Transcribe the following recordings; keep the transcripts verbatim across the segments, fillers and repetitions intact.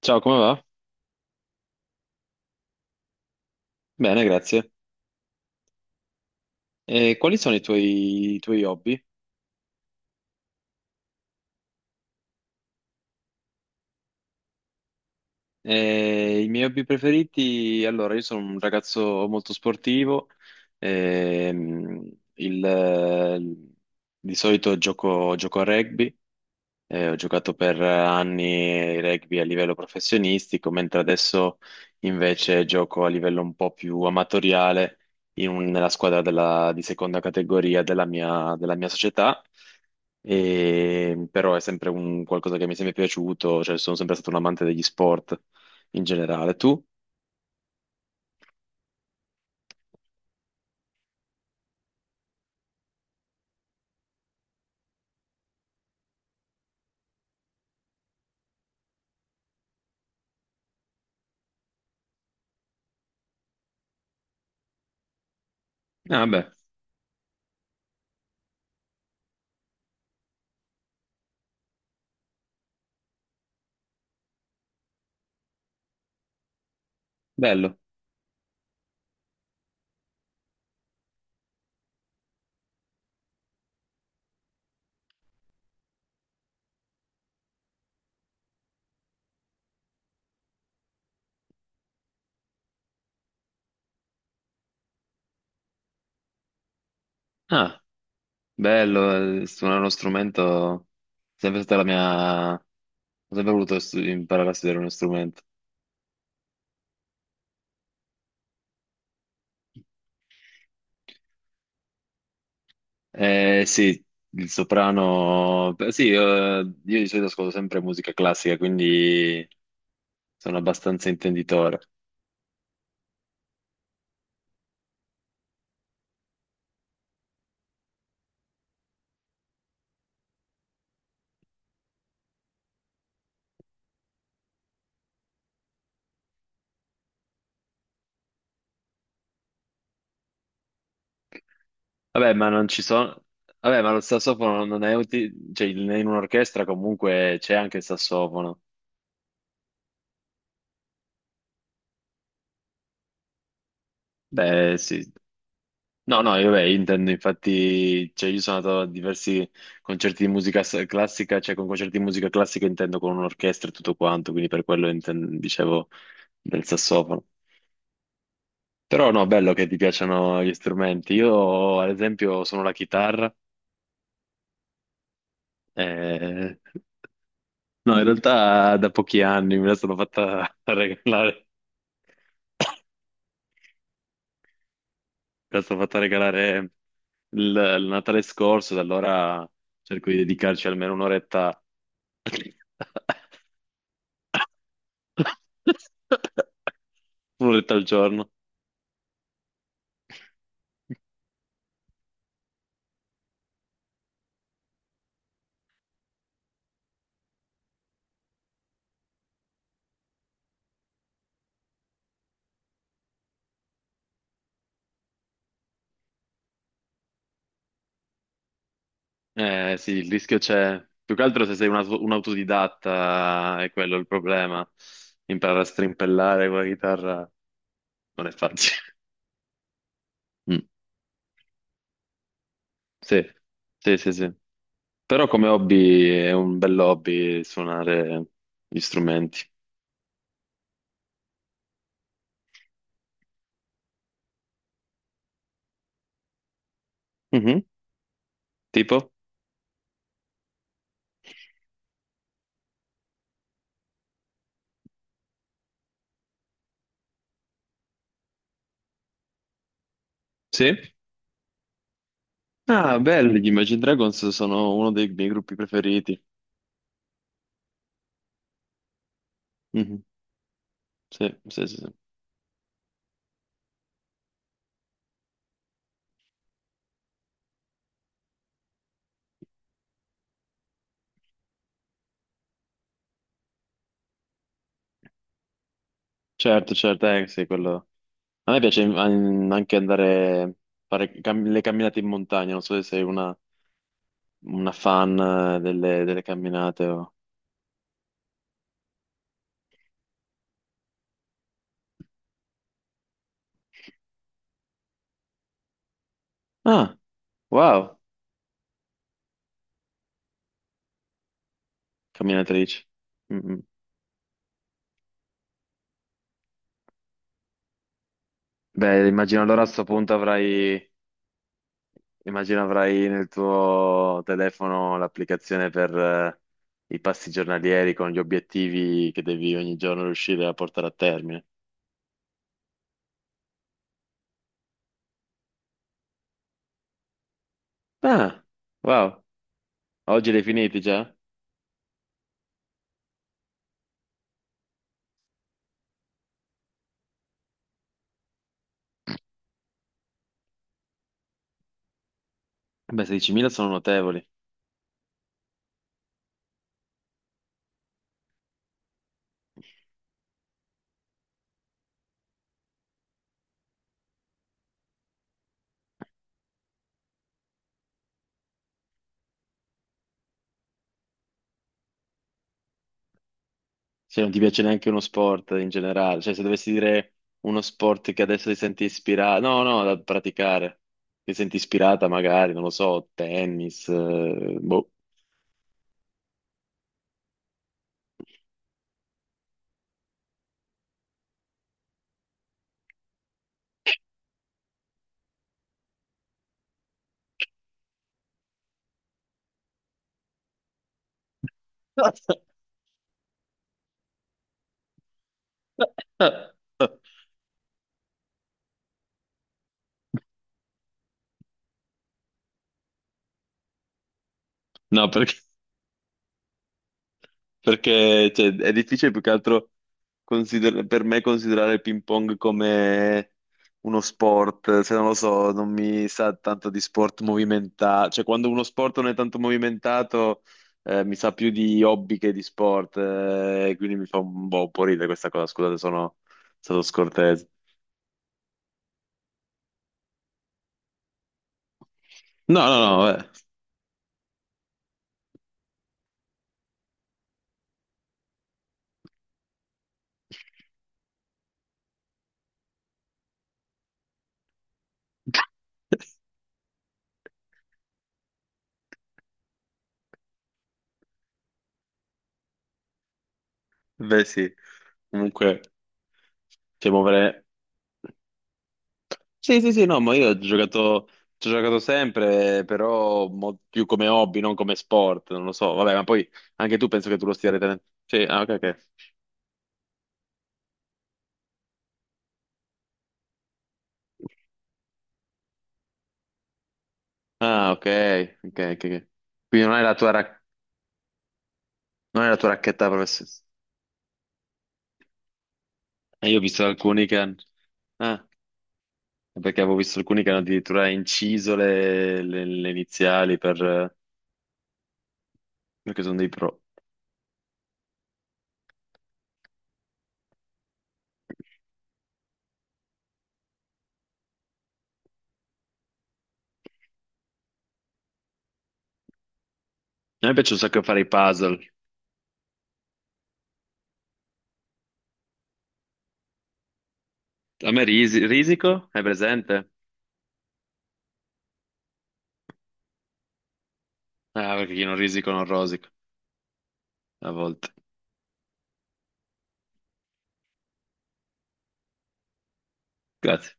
Ciao, come va? Bene, grazie. E quali sono i tuoi, i tuoi hobby? Eh, i miei hobby preferiti? Allora, io sono un ragazzo molto sportivo. ehm, il- di solito gioco, gioco a rugby. Eh, ho giocato per anni rugby a livello professionistico, mentre adesso invece gioco a livello un po' più amatoriale in un- nella squadra della- di seconda categoria della mia, della mia società. E però è sempre un qualcosa che mi è sempre piaciuto, cioè sono sempre stato un amante degli sport in generale. Tu? Ah, beh, bello. Ah, bello, eh, suonare uno strumento è sempre stata la mia... Ho sempre voluto stu- imparare a studiare uno strumento. Eh, sì, il soprano. Beh, sì, eh, io di solito ascolto sempre musica classica, quindi sono abbastanza intenditore. Vabbè, ma non ci sono. Vabbè, ma lo sassofono non è utile. Cioè, in in un'orchestra comunque c'è anche il sassofono. Beh, sì. No, no, io vabbè, intendo, infatti, cioè, io sono andato a diversi concerti di musica s- classica, cioè con concerti di musica classica intendo con un'orchestra e tutto quanto, quindi per quello inten- dicevo del sassofono. Però no, bello che ti piacciono gli strumenti. Io, ad esempio, sono la chitarra. eh, No, in realtà da pochi anni me la sono fatta regalare, me la sono fatta regalare il, il Natale scorso. Da allora cerco di dedicarci almeno un'oretta un'oretta al giorno. Eh sì, il rischio c'è. Più che altro se sei un, auto- un autodidatta è quello il problema. Imparare a strimpellare con la chitarra non è facile. Mm, sì, sì, sì, sì. Però come hobby è un bel hobby suonare gli strumenti. Mhm. Tipo? Sì? Ah, belli, gli Imagine Dragons sono uno dei miei gruppi preferiti. Mhm. Sì, sì, sì, sì. Certo, certo, eh, sì, quello... A me piace mm, anche andare a fare cam- le camminate in montagna, non so se sei una, una fan eh, delle, delle camminate o... Ah, wow, camminatrice. Mm, mm. Beh, immagino allora a sto punto avrai, immagino avrai nel tuo telefono l'applicazione per eh, i passi giornalieri con gli obiettivi che devi ogni giorno riuscire a portare a termine. Ah, wow, oggi li hai finiti già? Beh, sedicimila sono notevoli. Se non ti piace neanche uno sport in generale, cioè se dovessi dire uno sport che adesso ti senti ispirata, no, no, da praticare, ti senti ispirata magari, non lo so, tennis, eh, boh. No, perché perché cioè, è difficile più che altro consider- per me considerare il ping pong come uno sport, se non lo so, non mi sa tanto di sport movimentato. Cioè, quando uno sport non è tanto movimentato, eh, mi sa più di hobby che di sport. Eh, quindi mi fa un po', un po' ridere questa cosa. Scusate, sono stato scortese. No, no, no, vabbè. Beh, sì, comunque, cioè, muovere. Sì, sì, sì, no, ma io ho giocato, ci ho giocato sempre, però mo- più come hobby, non come sport, non lo so. Vabbè, ma poi anche tu penso che tu lo stia ritenendo. Sì, ah, ok, ok. Ah, ok, ok, ok, ok. Quindi non è la tua, rac- non è la tua racchetta professionale. Eh, io ho visto alcuni che hanno... Ah, perché avevo visto alcuni che hanno addirittura inciso le, le- le iniziali per... perché sono dei pro. A me piace un sacco fare i puzzle. A me risi- risico, hai presente? Ah, perché chi non risico non rosico. A volte. Grazie.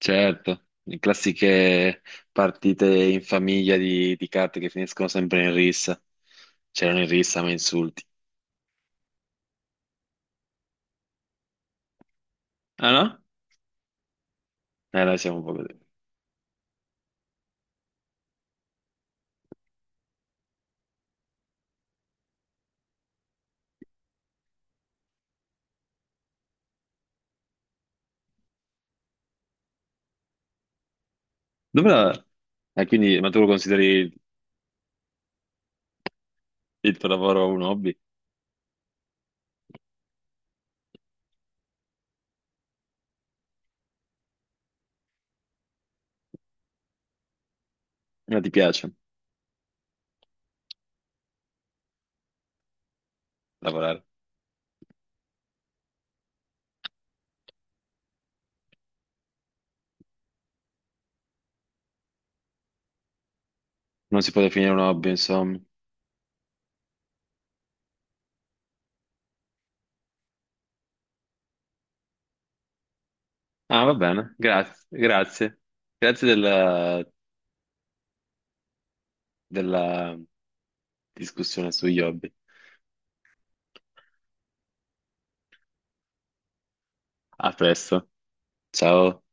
Certo, le classiche partite in famiglia di, di carte che finiscono sempre in rissa. C'erano in rissa, ma insulti. Ah no? Eh, noi siamo un po' così. Dove la... eh, quindi, ma tu lo consideri il tuo lavoro un hobby? Ma ti piace lavorare? Non si può definire un hobby, insomma. Ah, va bene, grazie, grazie. Grazie della, della discussione sugli hobby. A presto, ciao.